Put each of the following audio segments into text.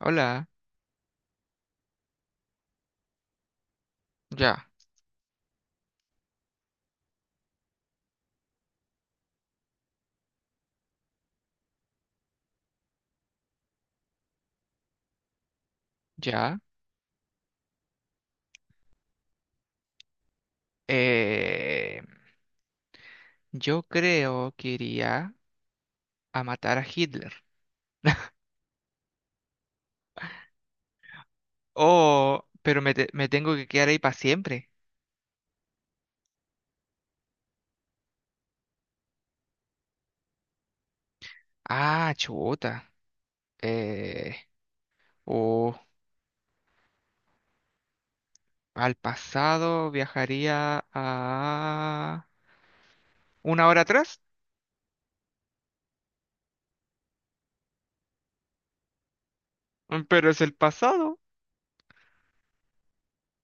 Hola, ya, ya. Eh, yo creo que iría a matar a Hitler. Oh, pero me tengo que quedar ahí para siempre. Ah, chuta. Eh, o al pasado viajaría a una hora atrás. Mm, pero es el pasado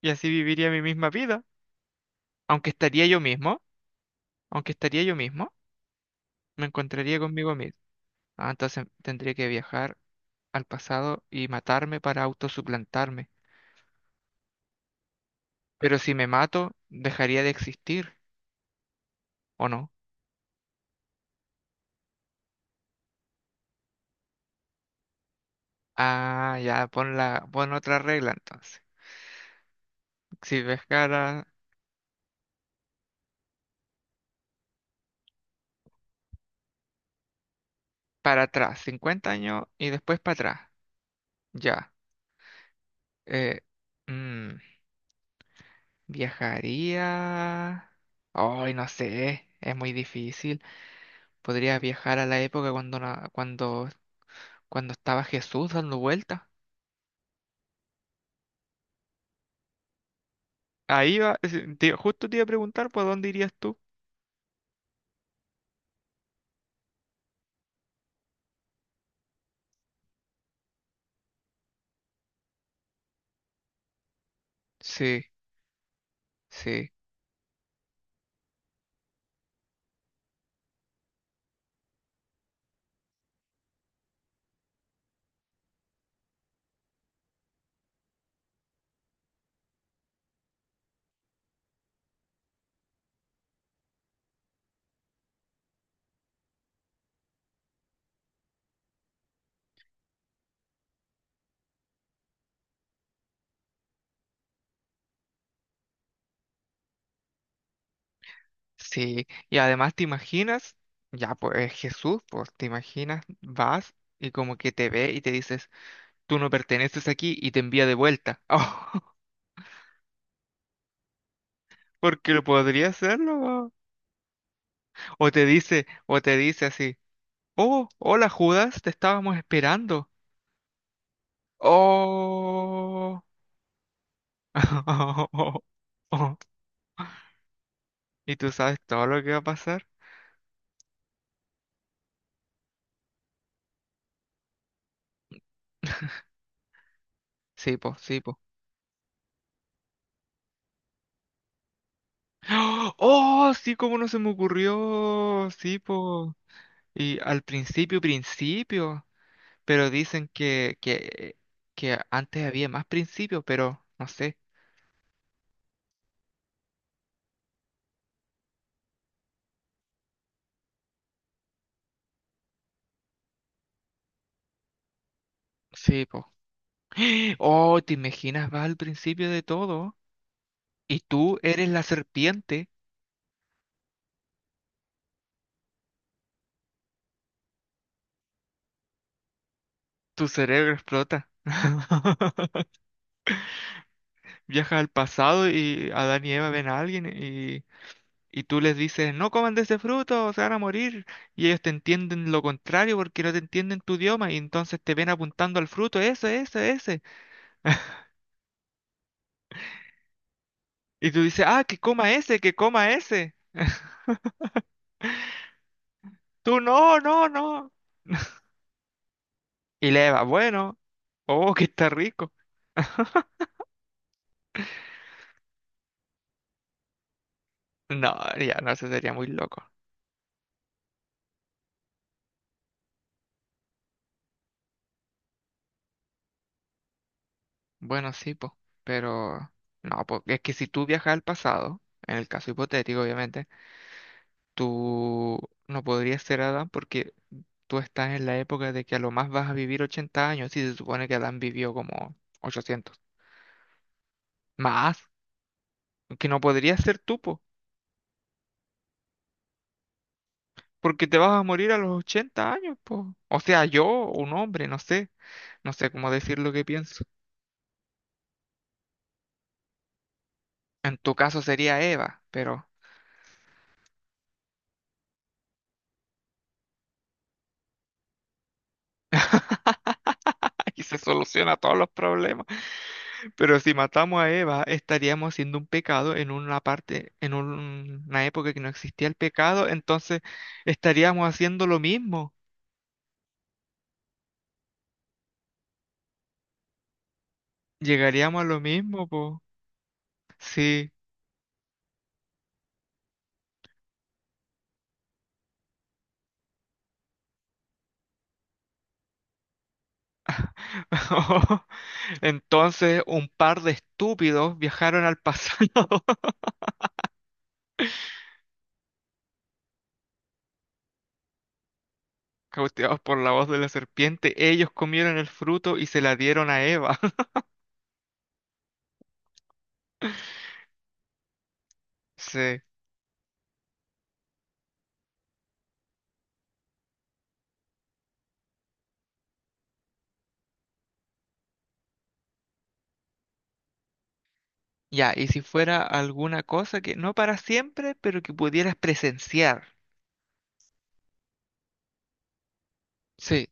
y así viviría mi misma vida. Aunque estaría yo mismo, aunque estaría yo mismo, me encontraría conmigo. Ah, entonces tendría que viajar al pasado y matarme para autosuplantarme. Pero si me mato, dejaría de existir, ¿o no? Ah, ya, pon otra regla entonces. Si viajara para atrás, 50 años y después para atrás. Ya. Eh, mm, viajaría. Ay, no sé, es muy difícil. Podría viajar a la época cuando estaba Jesús dando vueltas. Ahí va, justo te iba a preguntar, pues, ¿dónde irías tú? Sí, sí, sí. Y además te imaginas, ya pues es Jesús, pues te imaginas, vas y como que te ve y te dices, tú no perteneces aquí y te envía de vuelta. Oh, porque lo podría hacerlo, weón. O te dice así, oh, hola Judas, te estábamos esperando. Oh. Y tú sabes todo lo que va a pasar. Sí, pues, sí, po. Oh, ¡oh! Sí, cómo no se me ocurrió. Sí, po. Y al principio, principio. Pero dicen que antes había más principios, pero no sé. Sí, po. Oh, ¿te imaginas? Vas al principio de todo y tú eres la serpiente. Tu cerebro explota. Viajas al pasado y Adán y Eva ven a alguien. Y tú les dices, no coman de ese fruto, se van a morir. Y ellos te entienden lo contrario porque no te entienden tu idioma. Y entonces te ven apuntando al fruto, ese, ese, ese. Y tú dices, ah, que coma ese, que coma ese. Tú, no, no, no. Y le va, bueno, oh, que está rico. No, ya, no, eso sería muy loco. Bueno, sí, pues, pero no, porque es que si tú viajas al pasado, en el caso hipotético, obviamente, tú no podrías ser Adán porque tú estás en la época de que a lo más vas a vivir 80 años y se supone que Adán vivió como 800. Más, que no podrías ser tú, po, porque te vas a morir a los 80 años, po. O sea, yo, un hombre, no sé, no sé cómo decir lo que pienso. En tu caso sería Eva, pero aquí se soluciona todos los problemas. Pero si matamos a Eva, estaríamos haciendo un pecado en una parte, una época que no existía el pecado, entonces estaríamos haciendo lo mismo. Llegaríamos a lo mismo, po. Sí. Entonces, un par de estúpidos viajaron al pasado, cautivados por la voz de la serpiente. Ellos comieron el fruto y se la dieron a Eva. Sí. Ya, y si fuera alguna cosa que no para siempre, pero que pudieras presenciar. Sí.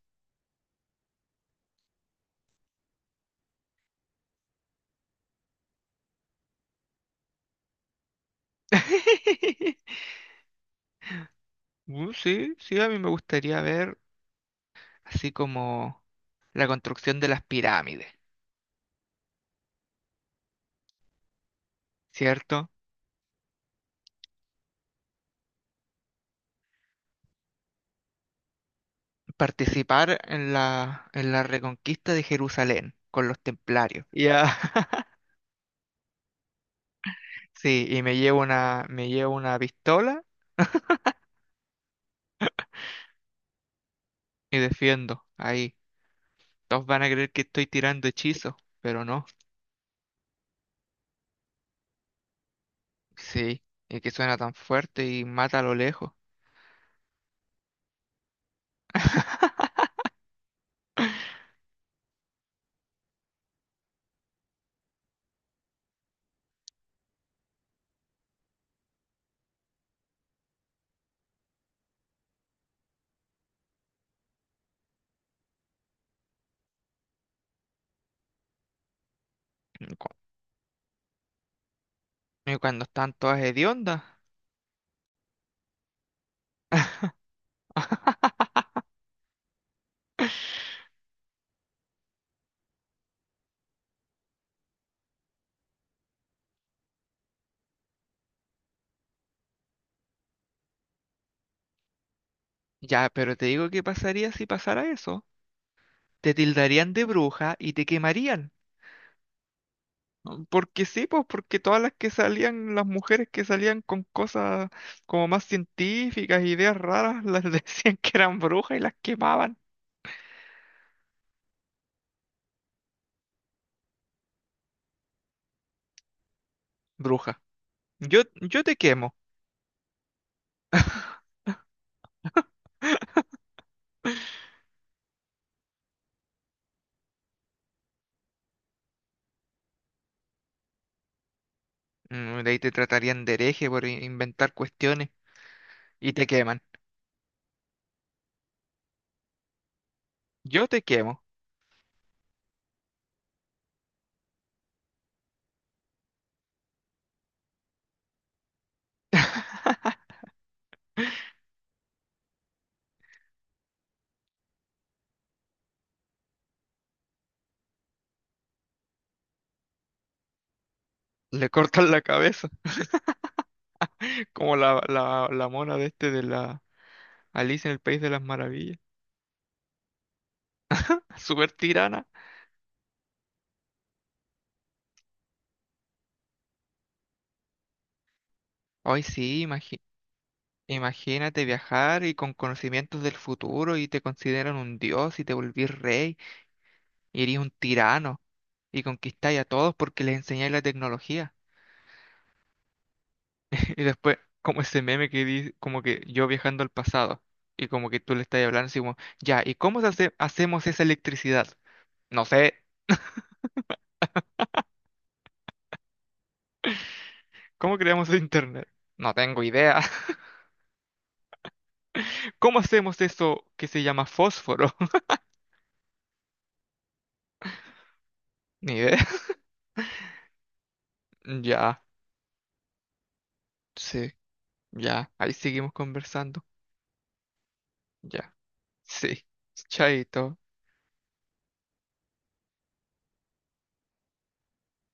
Sí, sí, a mí me gustaría ver así como la construcción de las pirámides, ¿cierto? Participar en la reconquista de Jerusalén con los templarios. Ya. Sí, y me llevo una pistola y defiendo. Ahí. Todos van a creer que estoy tirando hechizos, pero no. Sí, y que suena tan fuerte y mata a lo lejos. Y cu- y cuando están todas hediondas. Ya, pero te digo qué pasaría si pasara eso. Te tildarían de bruja y te quemarían. ¿No? Porque sí, pues porque todas las que salían, las mujeres que salían con cosas como más científicas, ideas raras, las decían que eran brujas y las quemaban. Bruja. Yo te quemo. Mm, de ahí te tratarían de hereje por inventar cuestiones y te queman. Yo te quemo. Le cortan la cabeza, como la mona de este de la Alicia en el País de las Maravillas. Súper tirana. Ay, sí, imagínate viajar y con conocimientos del futuro y te consideran un dios y te volvís rey y eres un tirano y conquistáis a todos porque les enseñáis la tecnología. Y después, como ese meme que dice, como que yo viajando al pasado y como que tú le estás hablando así como, ya, ¿y cómo hacemos esa electricidad? No sé, ¿cómo creamos el internet? No tengo idea. ¿Cómo hacemos eso que se llama fósforo? Ni idea. Ya, sí, ya, ahí seguimos conversando. Ya. Sí, chaito.